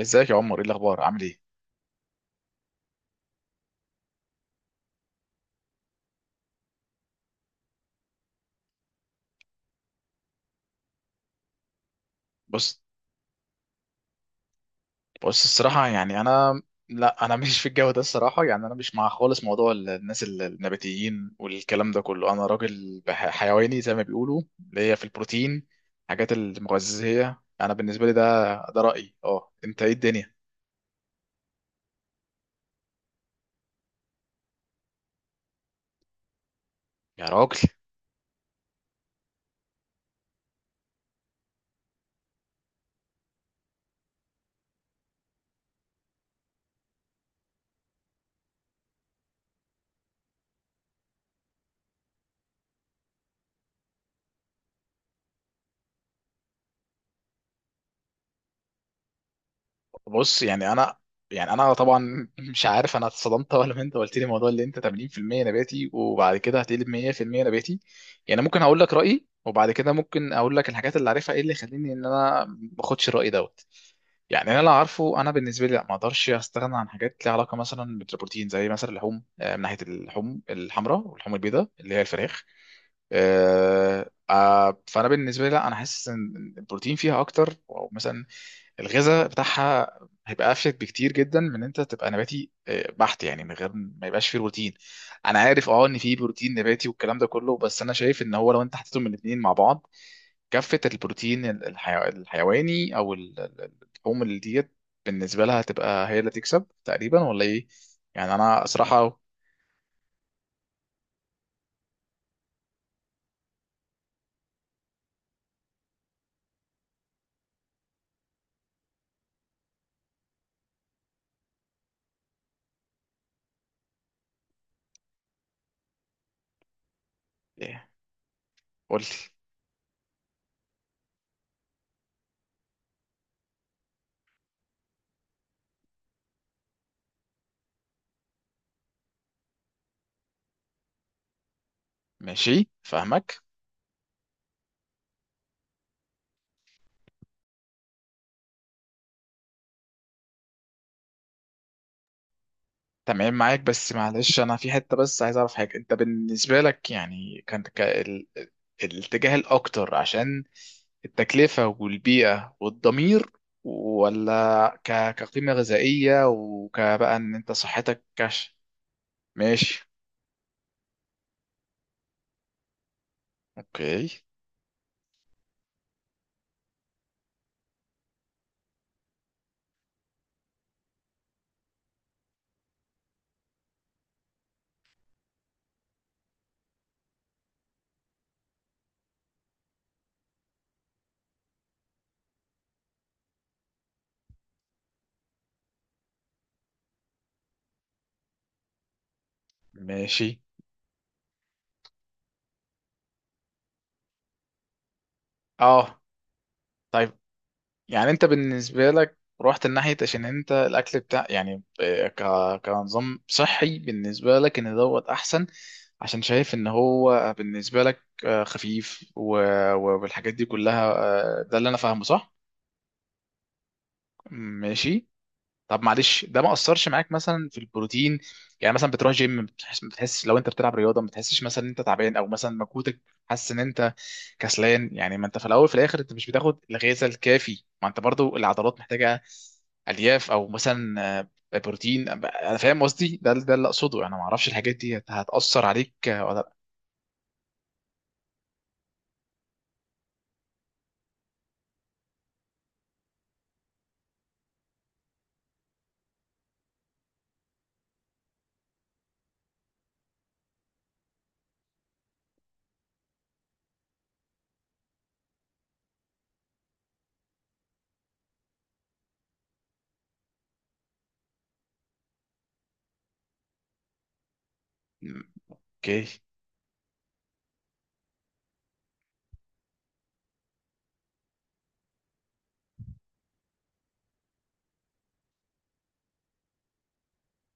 ازيك يا عمر؟ ايه الاخبار؟ عامل ايه؟ بص بص، الصراحه يعني انا، لا انا مش في الجو ده. الصراحه يعني انا مش مع خالص موضوع الناس، النباتيين والكلام ده كله. انا راجل حيواني زي ما بيقولوا، اللي هي في البروتين، حاجات المغذيه، انا بالنسبه لي ده رايي. اه، انت ايه الدنيا؟ يا راجل، بص يعني انا طبعا مش عارف، انا اتصدمت ولا ما انت قلت لي موضوع اللي انت 80% نباتي وبعد كده هتقلب 100% نباتي. يعني ممكن اقول لك رايي، وبعد كده ممكن اقول لك الحاجات اللي عارفها، ايه اللي يخليني ان انا ما اخدش الراي دوت. يعني انا اللي عارفه، انا بالنسبه لي لا، ما اقدرش استغنى عن حاجات ليها علاقه مثلا بالبروتين، زي مثلا اللحوم، من ناحيه اللحوم الحمراء واللحوم البيضاء اللي هي الفراخ. فانا بالنسبه لي لا، انا حاسس ان البروتين فيها اكتر، او مثلا الغذاء بتاعها هيبقى افيد بكتير جدا من إن انت تبقى نباتي بحت، يعني من غير ما يبقاش فيه بروتين. انا عارف ان فيه بروتين نباتي والكلام ده كله، بس انا شايف ان هو لو انت حطيتهم الاثنين مع بعض، كفة البروتين الحيواني، او اللحوم اللي ديت، بالنسبة لها هتبقى هي اللي تكسب تقريبا، ولا ايه؟ يعني انا صراحة آه، قلت. ماشي، فاهمك. تمام معاك، بس معلش، انا في حته، بس عايز اعرف حاجه: انت بالنسبه لك يعني كان الاتجاه الاكتر عشان التكلفه والبيئه والضمير، ولا كقيمه غذائيه وكبقى ان انت صحتك كش؟ ماشي، اوكي، ماشي، اه، طيب. يعني انت بالنسبة لك رحت الناحية عشان انت الاكل بتاع، يعني كنظام صحي بالنسبة لك ان دوت احسن، عشان شايف ان هو بالنسبة لك خفيف والحاجات دي كلها. ده اللي انا فاهمه، صح؟ ماشي. طب معلش، ده ما اثرش معاك مثلا في البروتين؟ يعني مثلا بتروح جيم، بتحس لو انت بتلعب رياضه ما بتحسش مثلا ان انت تعبان، او مثلا مجهودك، حاسس ان انت كسلان؟ يعني ما انت في الاول في الاخر انت مش بتاخد الغذاء الكافي، ما انت برضو العضلات محتاجه الياف، او مثلا بروتين. انا فاهم قصدي، ده اللي اقصده، انا ما اعرفش الحاجات دي هتاثر عليك ولا لأ. اوكي،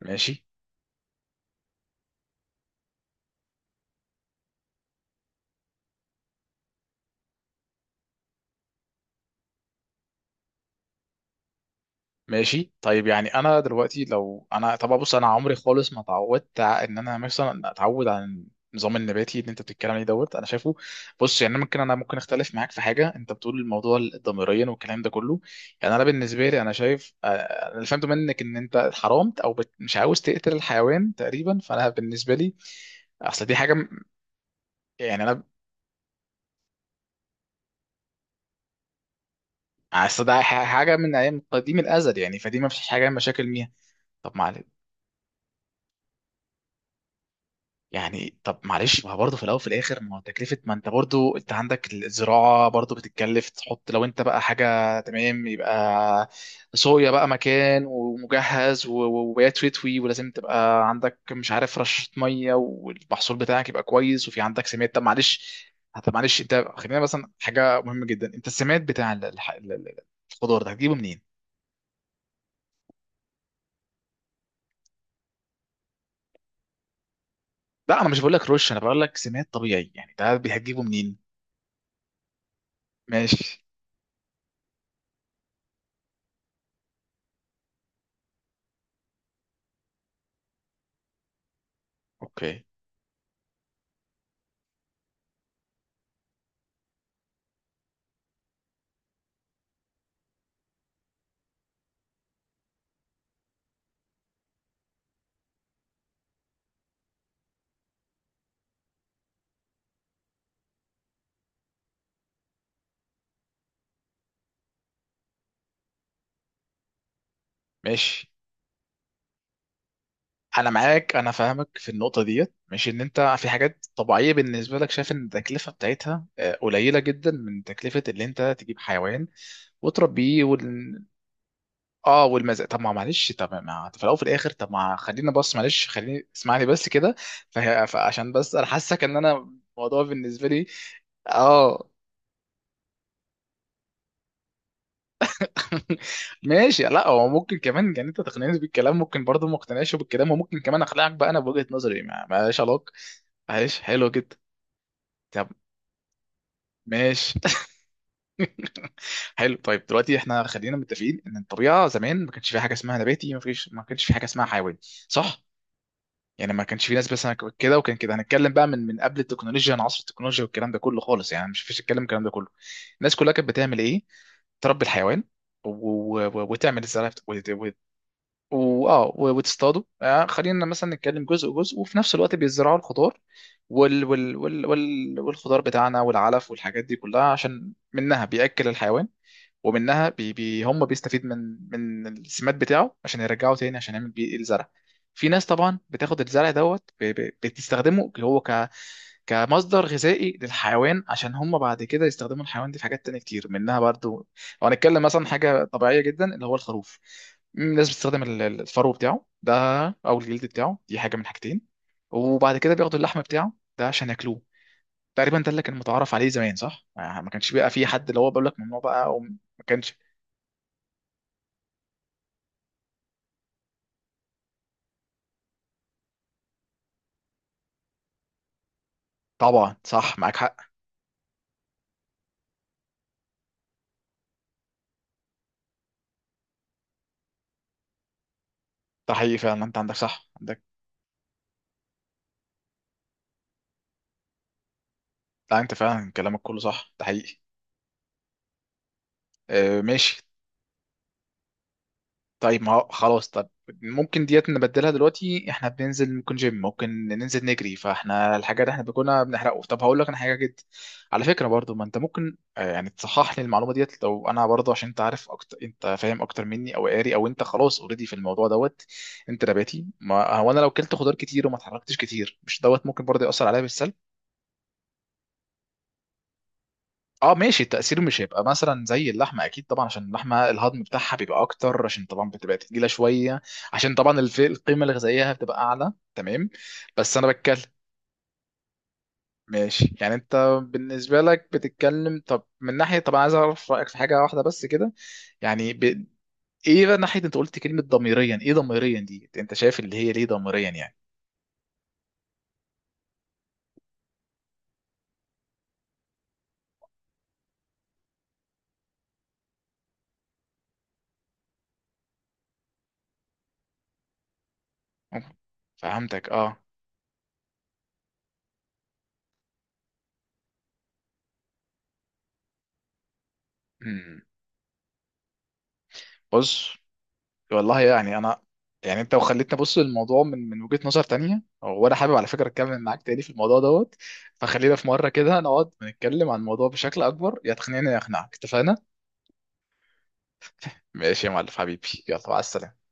ماشي ماشي، طيب. يعني انا دلوقتي، لو انا طبعا، بص انا عمري خالص ما اتعودت ان انا مثلا اتعود على النظام النباتي اللي انت بتتكلم عليه دوت، انا شايفه. بص يعني ممكن انا، ممكن اختلف معاك في حاجه، انت بتقول الموضوع الضميريا والكلام ده كله، يعني انا بالنسبه لي انا شايف، انا اللي فهمته منك ان انت حرمت، او مش عاوز تقتل الحيوان تقريبا. فانا بالنسبه لي اصل دي حاجه يعني انا اصل ده حاجه من ايام قديم الازل، يعني فدي ما فيش حاجه مشاكل ميها. طب معلش، يعني طب معلش، ما هو برضه في الاول وفي الاخر ما هو تكلفه، ما انت برضه انت عندك الزراعه برضه بتتكلف. تحط لو انت بقى حاجه، تمام، يبقى صويا بقى مكان ومجهز وبيات تتوي، ولازم تبقى عندك مش عارف رشه ميه، والمحصول بتاعك يبقى كويس، وفي عندك سماد. طب معلش، طب معلش، انت خلينا مثلا حاجه مهمه جدا: انت السماد بتاع الخضار ده هتجيبه منين؟ لا انا مش بقول لك رش، انا بقول لك سماد طبيعي يعني، ده هتجيبه منين؟ ماشي، اوكي ماشي. انا معاك، انا فاهمك في النقطه ديت، مش ان انت في حاجات طبيعيه بالنسبه لك شايف ان التكلفه بتاعتها قليله جدا من تكلفه اللي انت تجيب حيوان وتربيه اه، والمزق. طب ما معلش، طب ما في الاول وفي الاخر، طب ما خلينا، بص معلش، خليني اسمعني بس كده، فعشان بس انا حاسك ان انا الموضوع بالنسبه لي، اه. ماشي، لا هو ممكن كمان يعني انت تقنعني بالكلام، ممكن برضه ما اقتنعش بالكلام، وممكن كمان اقنعك بقى انا بوجهة نظري، ما- مالهاش علاقه. معلش، حلو جدا. طب، ماشي. حلو، طيب. دلوقتي احنا خلينا متفقين ان الطبيعه زمان ما كانش في حاجه اسمها نباتي، ما فيش، ما كانش في حاجه اسمها حيواني، صح؟ يعني ما كانش في ناس بس كده، وكان كده. هنتكلم بقى من قبل التكنولوجيا، عن عصر التكنولوجيا والكلام ده كله خالص، يعني مش فيش الكلام، الكلام ده كله الناس كلها كانت بتعمل ايه؟ تربي الحيوان وتعمل الزرع، واه، وتصطادوا. آه، خلينا مثلا نتكلم جزء جزء، وفي نفس الوقت بيزرعوا الخضار والخضار بتاعنا والعلف والحاجات دي كلها، عشان منها بيأكل الحيوان، ومنها بي بي هم بيستفيد من السماد بتاعه عشان يرجعه تاني عشان يعمل بيه الزرع. في ناس طبعا بتاخد الزرع دوت، بتستخدمه هو كمصدر غذائي للحيوان، عشان هم بعد كده يستخدموا الحيوان دي في حاجات تانية كتير منها برضو. لو هنتكلم مثلا حاجة طبيعية جدا اللي هو الخروف، الناس بتستخدم الفرو بتاعه ده، أو الجلد بتاعه، دي حاجة من حاجتين. وبعد كده بياخدوا اللحم بتاعه ده عشان ياكلوه. تقريبا ده اللي كان متعارف عليه زمان، صح؟ ما كانش بقى في حد اللي هو بيقول لك ممنوع بقى وما كانش. طبعا صح، معاك حق. ده حقيقي فعلا، انت عندك صح عندك. لا، انت فعلا كلامك كله صح، ده حقيقي. اه، ماشي. طيب ما هو خلاص. طب ممكن ديت نبدلها دلوقتي، احنا بننزل ممكن جيم، ممكن ننزل نجري، فاحنا الحاجه اللي احنا كنا بنحرقه. طب هقول لك انا حاجه جد، على فكره برضو، ما انت ممكن يعني تصحح لي المعلومه ديت، لو انا برضو، عشان انت عارف اكتر، انت فاهم اكتر مني، او قاري او انت خلاص اوريدي في الموضوع دوت، انت نباتي. ما هو انا لو كلت خضار كتير وما اتحركتش كتير، مش دوت ممكن برضو ياثر عليا بالسلب؟ اه، ماشي. التأثير مش هيبقى مثلا زي اللحمة، أكيد طبعا، عشان اللحمة الهضم بتاعها بيبقى أكتر عشان طبعا بتبقى تقيلة شوية، عشان طبعا القيمة الغذائية بتبقى أعلى، تمام. بس أنا بتكلم. ماشي يعني، أنت بالنسبة لك بتتكلم. طب من ناحية، طب أنا عايز أعرف رأيك في حاجة واحدة بس كده، يعني إيه بقى ناحية، أنت قلت كلمة ضميريا، إيه ضميريا دي؟ أنت شايف اللي هي ليه ضميريا يعني؟ فهمتك، أه. أمم. بص، والله يعني انا، يعني انت وخليتني ابص للموضوع من وجهة نظر تانية، وانا حابب على فكرة اتكلم معاك تاني في الموضوع دوت. فخلينا في مرة كده نقعد نتكلم عن الموضوع بشكل اكبر، يا تقنعني يا اقنعك. اتفقنا؟ ماشي يا معلم، حبيبي، يلا، مع السلامة.